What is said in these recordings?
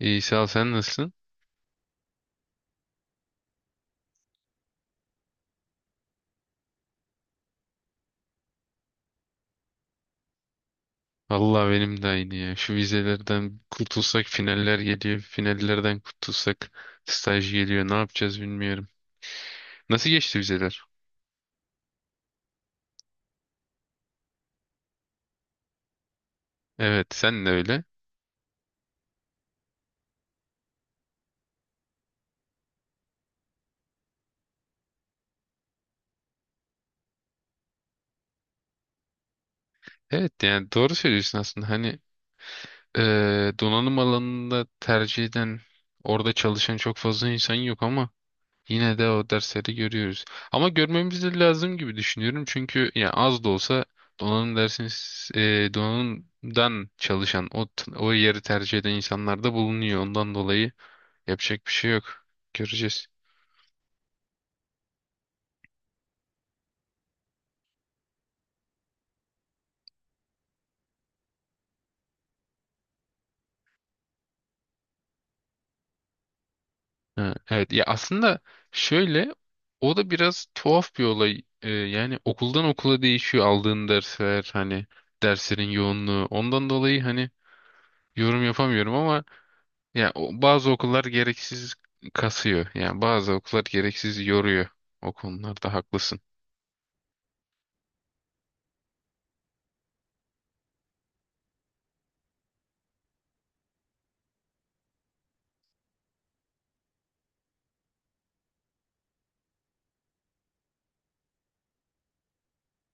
İyi sağ ol, sen nasılsın? Vallahi benim de aynı ya. Şu vizelerden kurtulsak finaller geliyor. Finallerden kurtulsak staj geliyor. Ne yapacağız bilmiyorum. Nasıl geçti vizeler? Evet, sen de öyle. Evet, yani doğru söylüyorsun aslında. Hani donanım alanında tercih eden, orada çalışan çok fazla insan yok ama yine de o dersleri görüyoruz. Ama görmemiz de lazım gibi düşünüyorum. Çünkü yani az da olsa donanım dersin donanımdan çalışan, o yeri tercih eden insanlar da bulunuyor. Ondan dolayı yapacak bir şey yok. Göreceğiz. Ha, evet ya, aslında şöyle, o da biraz tuhaf bir olay. Yani okuldan okula değişiyor aldığın dersler, hani derslerin yoğunluğu. Ondan dolayı hani yorum yapamıyorum ama ya bazı okullar gereksiz kasıyor. Yani bazı okullar gereksiz yoruyor. O konularda haklısın.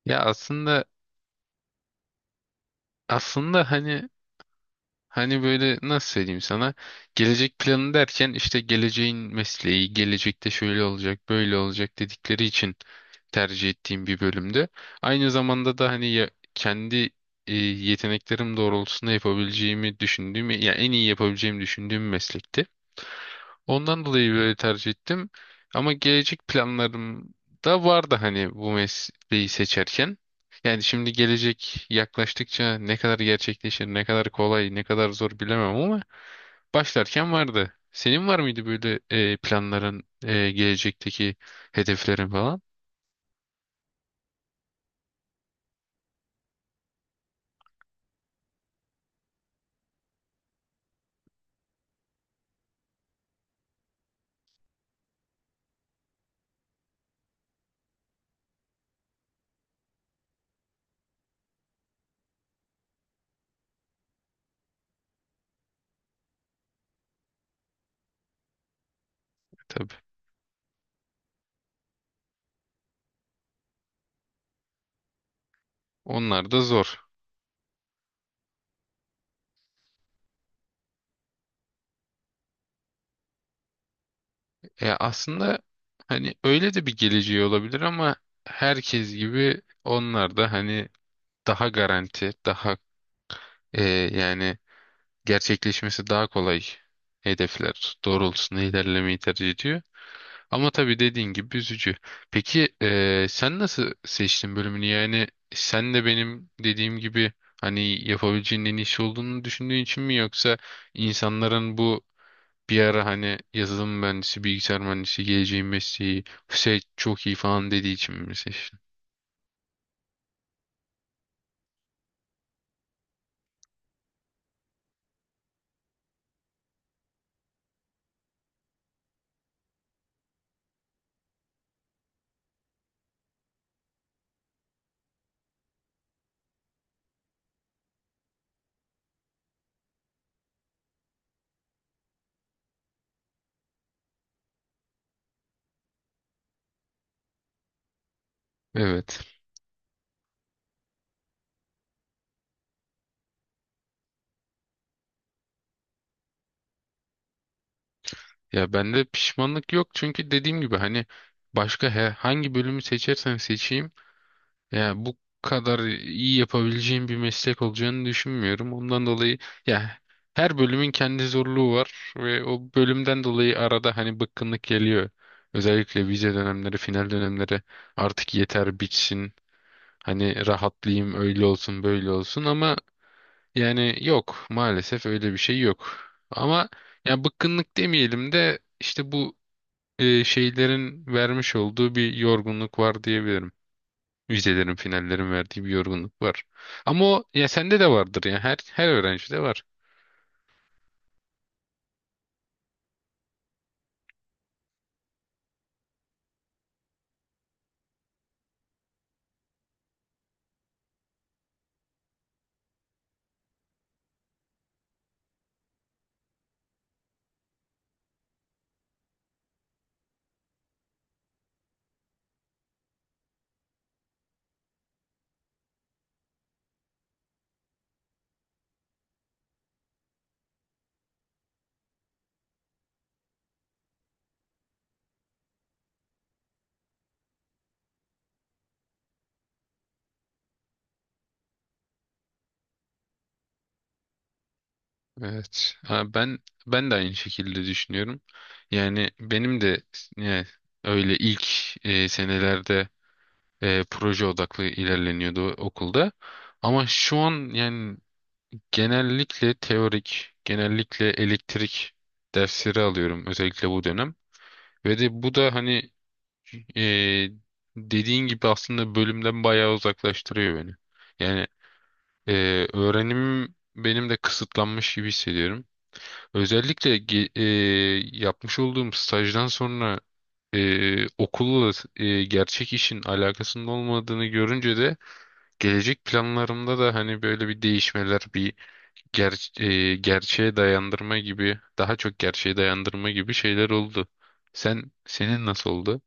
Ya aslında, aslında, hani böyle nasıl söyleyeyim sana, gelecek planı derken işte geleceğin mesleği, gelecekte şöyle olacak, böyle olacak dedikleri için tercih ettiğim bir bölümde. Aynı zamanda da hani ya, kendi yeteneklerim doğrultusunda yapabileceğimi düşündüğüm, ya en iyi yapabileceğimi düşündüğüm meslekti. Ondan dolayı böyle tercih ettim. Ama gelecek planlarım da vardı hani bu mesleği seçerken. Yani şimdi gelecek yaklaştıkça ne kadar gerçekleşir, ne kadar kolay, ne kadar zor bilemem ama başlarken vardı. Senin var mıydı böyle planların, gelecekteki hedeflerin falan? Tabii. Onlar da zor. Aslında hani öyle de bir geleceği olabilir ama herkes gibi onlar da hani daha garanti, daha e, yani gerçekleşmesi daha kolay hedefler doğrultusunda ilerlemeyi tercih ediyor. Ama tabii dediğin gibi üzücü. Peki sen nasıl seçtin bölümünü? Yani sen de benim dediğim gibi hani yapabileceğin en iyi iyisi olduğunu düşündüğün için mi, yoksa insanların bu bir ara hani yazılım mühendisi, bilgisayar mühendisi, geleceğin mesleği, şey çok iyi falan dediği için mi seçtin? Evet. Ya bende pişmanlık yok, çünkü dediğim gibi hani başka hangi bölümü seçersem seçeyim, ya bu kadar iyi yapabileceğim bir meslek olacağını düşünmüyorum. Ondan dolayı ya, her bölümün kendi zorluğu var ve o bölümden dolayı arada hani bıkkınlık geliyor. Özellikle vize dönemleri, final dönemleri, artık yeter bitsin. Hani rahatlayayım öyle olsun böyle olsun, ama yani yok maalesef öyle bir şey yok. Ama ya, bıkkınlık demeyelim de işte bu şeylerin vermiş olduğu bir yorgunluk var diyebilirim. Vizelerin, finallerin verdiği bir yorgunluk var. Ama o, ya sende de vardır ya. Her öğrencide var. Evet. Ha, ben de aynı şekilde düşünüyorum. Yani benim de yani öyle ilk senelerde proje odaklı ilerleniyordu okulda. Ama şu an yani genellikle teorik, genellikle elektrik dersleri alıyorum özellikle bu dönem. Ve de bu da hani Ee, dediğin gibi aslında bölümden bayağı uzaklaştırıyor beni. Yani e, öğrenimim benim de kısıtlanmış gibi hissediyorum. Özellikle yapmış olduğum stajdan sonra okulla gerçek işin alakasının olmadığını görünce de gelecek planlarımda da hani böyle bir değişmeler, bir gerçeğe dayandırma gibi, daha çok gerçeğe dayandırma gibi şeyler oldu. Senin nasıl oldu?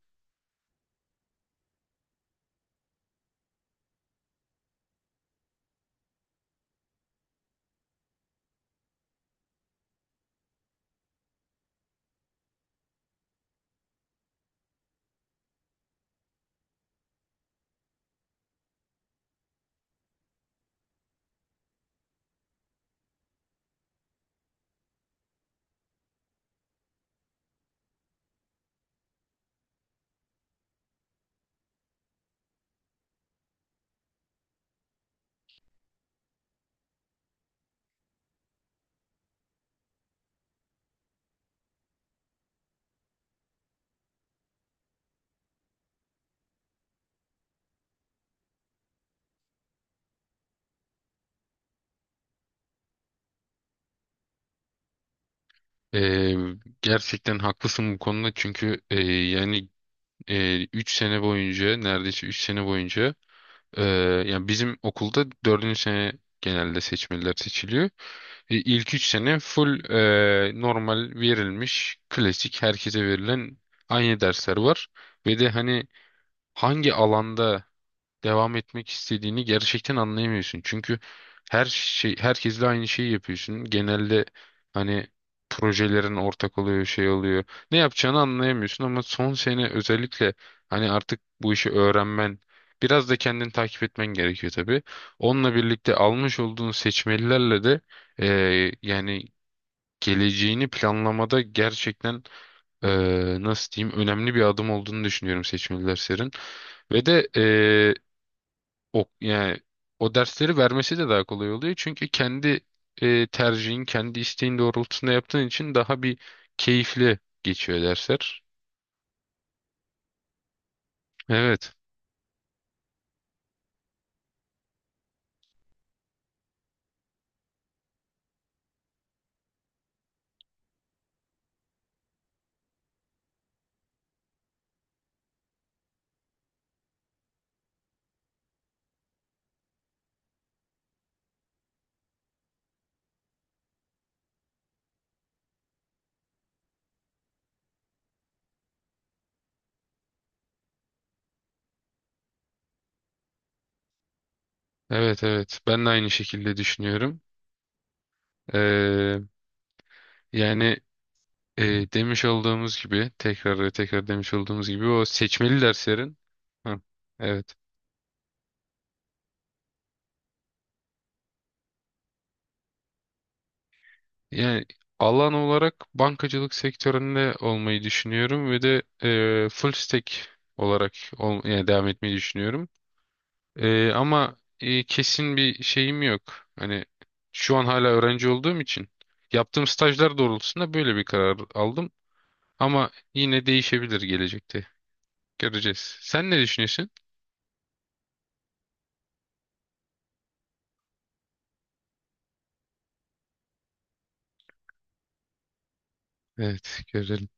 Ee, Gerçekten haklısın bu konuda, çünkü yani 3 sene boyunca, neredeyse 3 sene boyunca e, yani bizim okulda dördüncü sene genelde seçmeliler seçiliyor. İlk 3 sene full normal verilmiş klasik herkese verilen aynı dersler var. Ve de hani hangi alanda devam etmek istediğini gerçekten anlayamıyorsun. Çünkü her şey herkesle aynı şeyi yapıyorsun. Genelde hani projelerin ortak oluyor, şey oluyor. Ne yapacağını anlayamıyorsun ama son sene özellikle hani artık bu işi öğrenmen, biraz da kendini takip etmen gerekiyor tabii. Onunla birlikte almış olduğun seçmelilerle de yani geleceğini planlamada gerçekten nasıl diyeyim önemli bir adım olduğunu düşünüyorum seçmeliler serin. Ve de yani o dersleri vermesi de daha kolay oluyor. Çünkü kendi tercihin, kendi isteğin doğrultusunda yaptığın için daha bir keyifli geçiyor dersler. Evet, evet, evet. Ben de aynı şekilde düşünüyorum. Ee, Yani e, demiş olduğumuz gibi, tekrar ve tekrar demiş olduğumuz gibi o seçmeli derslerin. Hı, evet. Yani alan olarak bankacılık sektöründe olmayı düşünüyorum ve de full stack olarak yani devam etmeyi düşünüyorum. Ama kesin bir şeyim yok. Hani şu an hala öğrenci olduğum için yaptığım stajlar doğrultusunda böyle bir karar aldım. Ama yine değişebilir gelecekte. Göreceğiz. Sen ne düşünüyorsun? Evet, görelim.